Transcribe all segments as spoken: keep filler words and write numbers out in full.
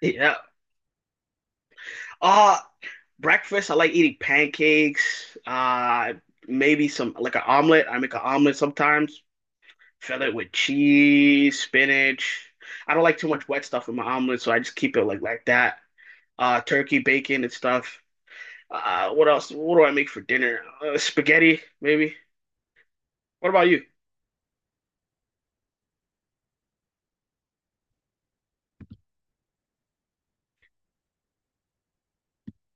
Yeah. Uh Breakfast, I like eating pancakes, uh maybe some like an omelet. I make an omelet sometimes, fill it with cheese, spinach. I don't like too much wet stuff in my omelet, so I just keep it like like that. Uh turkey, bacon and stuff. Uh what else? What do I make for dinner? Uh, spaghetti, maybe. What about you?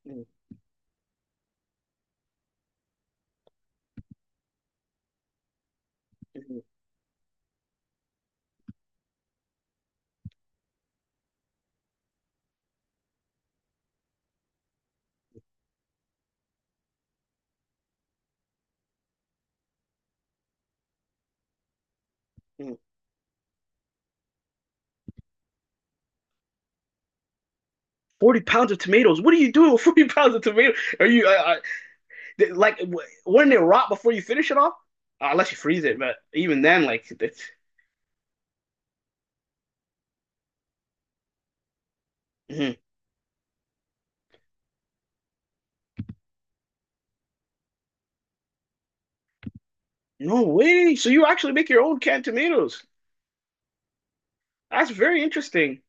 Mm, mhm. forty pounds of tomatoes. What are you doing with forty pounds of tomatoes? Are you uh, uh, like, w- wouldn't it rot before you finish it off? Uh, unless you freeze it, but even then, like, it's, mhm. no way. So you actually make your own canned tomatoes. That's very interesting.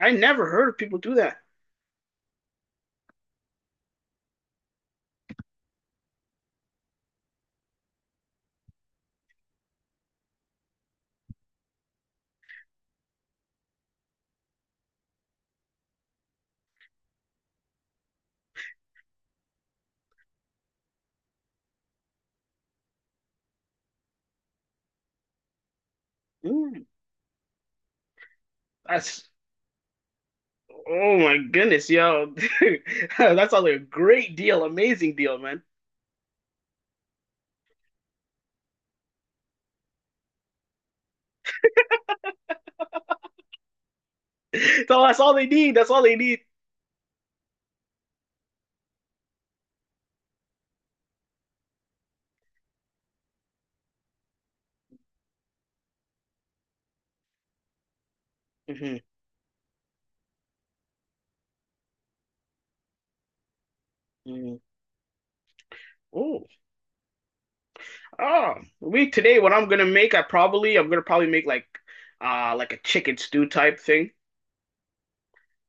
I never heard of people do that. Mm, that's, oh my goodness, yo. That sounds like a great deal, amazing deal, man. So that's all they need. That's all they need. Hmm. Hmm. Oh. Oh, we today, what I'm gonna make, I probably I'm gonna probably make like uh like a chicken stew type thing.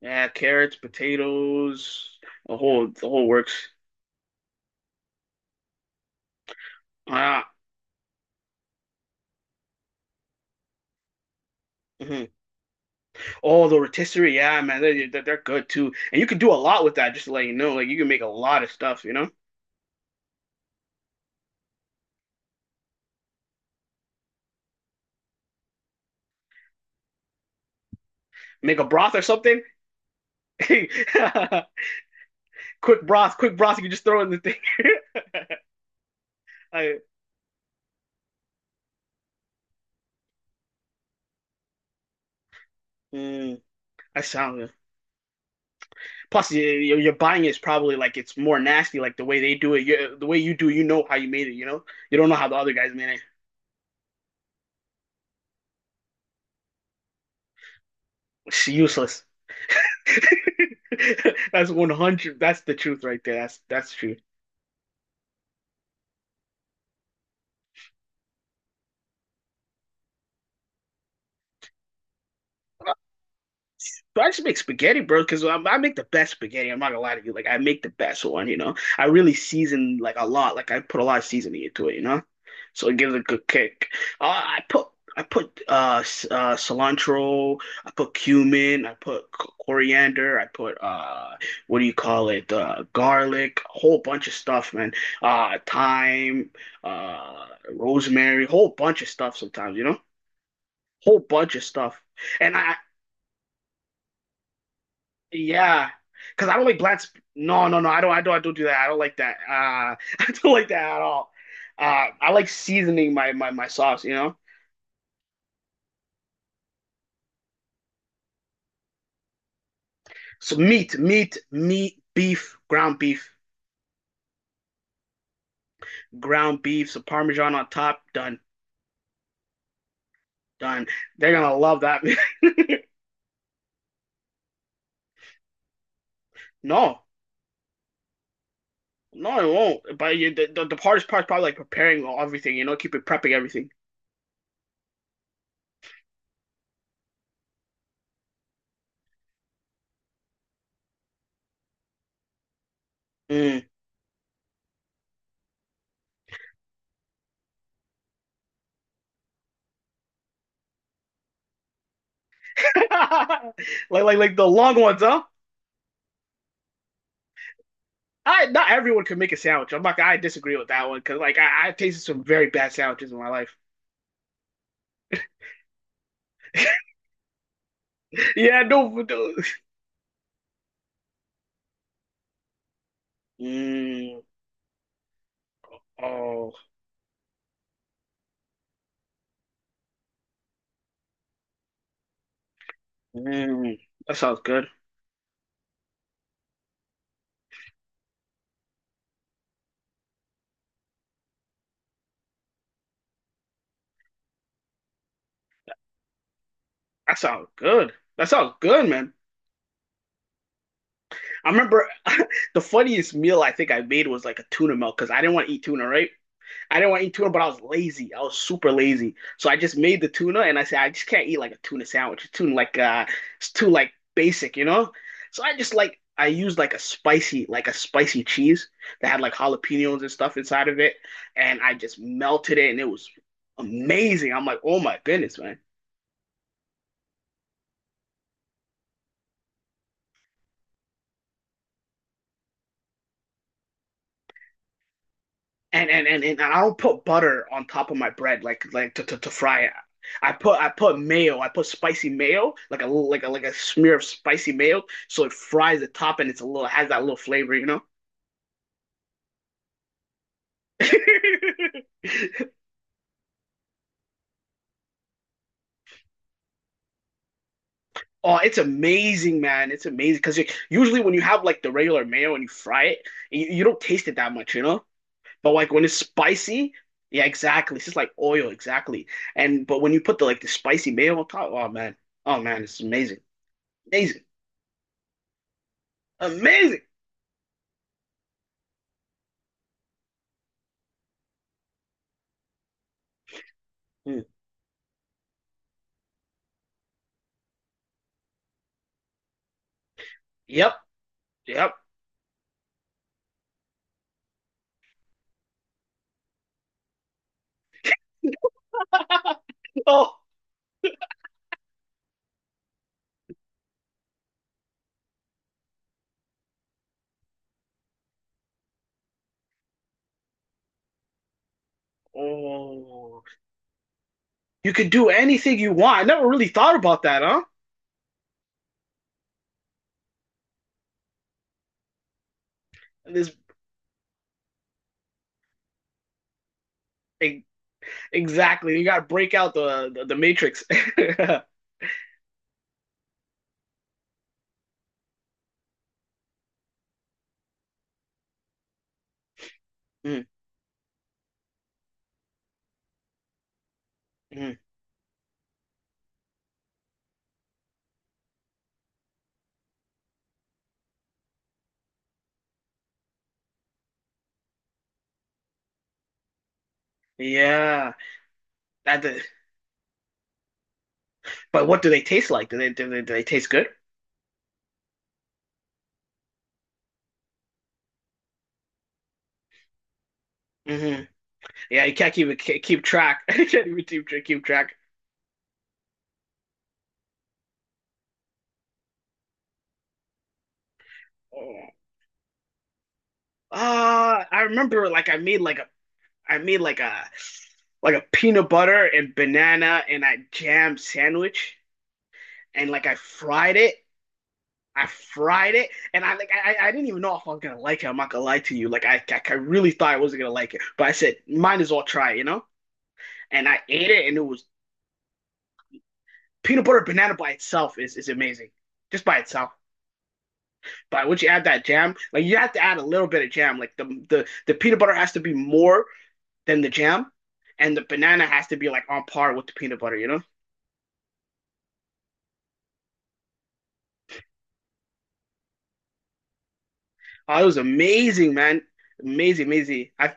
Yeah, carrots, potatoes, the whole the whole works. Ah, mhm. Oh, the rotisserie, yeah, man, they, they- they're good too. And you can do a lot with that, just to let you know. Like you can make a lot of stuff, you know? Make a broth or something. Quick broth, quick broth, you can just throw in the thing. I mm, I sound Plus, you're, buying it's probably like it's more nasty, like the way they do it. You the way you do, you know how you made it. You know, you don't know how the other guys made it. It's useless. That's one hundred. That's the truth right there. That's that's true. No, but I just make spaghetti, bro, because I, I make the best spaghetti. I'm not gonna lie to you. Like I make the best one, you know. I really season like a lot. Like I put a lot of seasoning into it, you know. So it gives it a good kick. Uh, I put I put uh, s- uh cilantro. I put cumin. I put c- coriander. I put uh what do you call it? Uh, garlic. A whole bunch of stuff, man. Uh, thyme. Uh, Rosemary. Whole bunch of stuff. Sometimes, you know. Whole bunch of stuff. And I, Yeah, because I don't like black. Sp No, no, no. I don't. I don't. I don't do that. I don't like that. Uh, I don't like that at all. Uh, I like seasoning my my my sauce. You know. So meat, meat, meat, beef, ground beef, ground beef, some Parmesan on top. Done, done. They're gonna love that. No, no, it won't. But you, the, the the hardest part's probably like preparing everything. You know, keep it prepping everything. Mm. Like like like the long ones, huh? I not everyone can make a sandwich. I'm like I disagree with that one because like I, I tasted some very bad sandwiches in my life. Yeah, no, no. Mm, oh, mm, that sounds good. That sounds good. That sounds good, man. I remember the funniest meal I think I made was like a tuna melt because I didn't want to eat tuna, right? I didn't want to eat tuna, but I was lazy. I was super lazy. So I just made the tuna and I said, I just can't eat like a tuna sandwich. It's too like uh it's too like basic, you know? So I just like I used like a spicy, like a spicy cheese that had like jalapenos and stuff inside of it. And I just melted it and it was amazing. I'm like, oh my goodness, man. And and and, and I don't put butter on top of my bread like like to, to, to fry it. I put I put mayo. I put spicy mayo, like a little like a like a smear of spicy mayo, so it fries the top and it's a little has that little flavor, you know. Oh, it's amazing, man. It's amazing because usually when you have like the regular mayo and you fry it, you, you don't taste it that much, you know? But like when it's spicy, yeah, exactly. It's just like oil, exactly. And but when you put the like the spicy mayo on top, oh man, oh man, it's amazing, amazing. Amazing. Hmm. Yep. Yep. Oh. Oh. You could do anything you want. I never really thought about that, huh? This e, exactly. You got to break out the the, the matrix. Mm, mm. Yeah. That. The, but what do they taste like? Do they do they, do they taste good? Mm-hmm. Yeah, you can't keep keep track. You can't even keep, keep track. Oh. Uh, I remember like I made like a I made like a like a peanut butter and banana and a jam sandwich. And like I fried it. I fried it, and I like I, I didn't even know if I was gonna like it. I'm not gonna lie to you. Like I, I I really thought I wasn't gonna like it, but I said might as well try, you know. And I ate it, and it was peanut butter banana by itself is is amazing, just by itself. But once you add that jam, like you have to add a little bit of jam. Like the the the peanut butter has to be more than the jam, and the banana has to be like on par with the peanut butter, you know. Oh, it was amazing, man. Amazing, amazing. I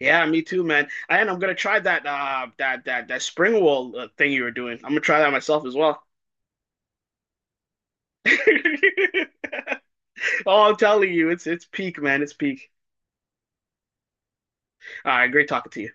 yeah, me too, man. And I'm gonna try that uh that that that spring roll uh, thing you were doing. I'm gonna try that myself as well. Oh, I'm telling you, it's it's peak, man. It's peak. All right, great talking to you.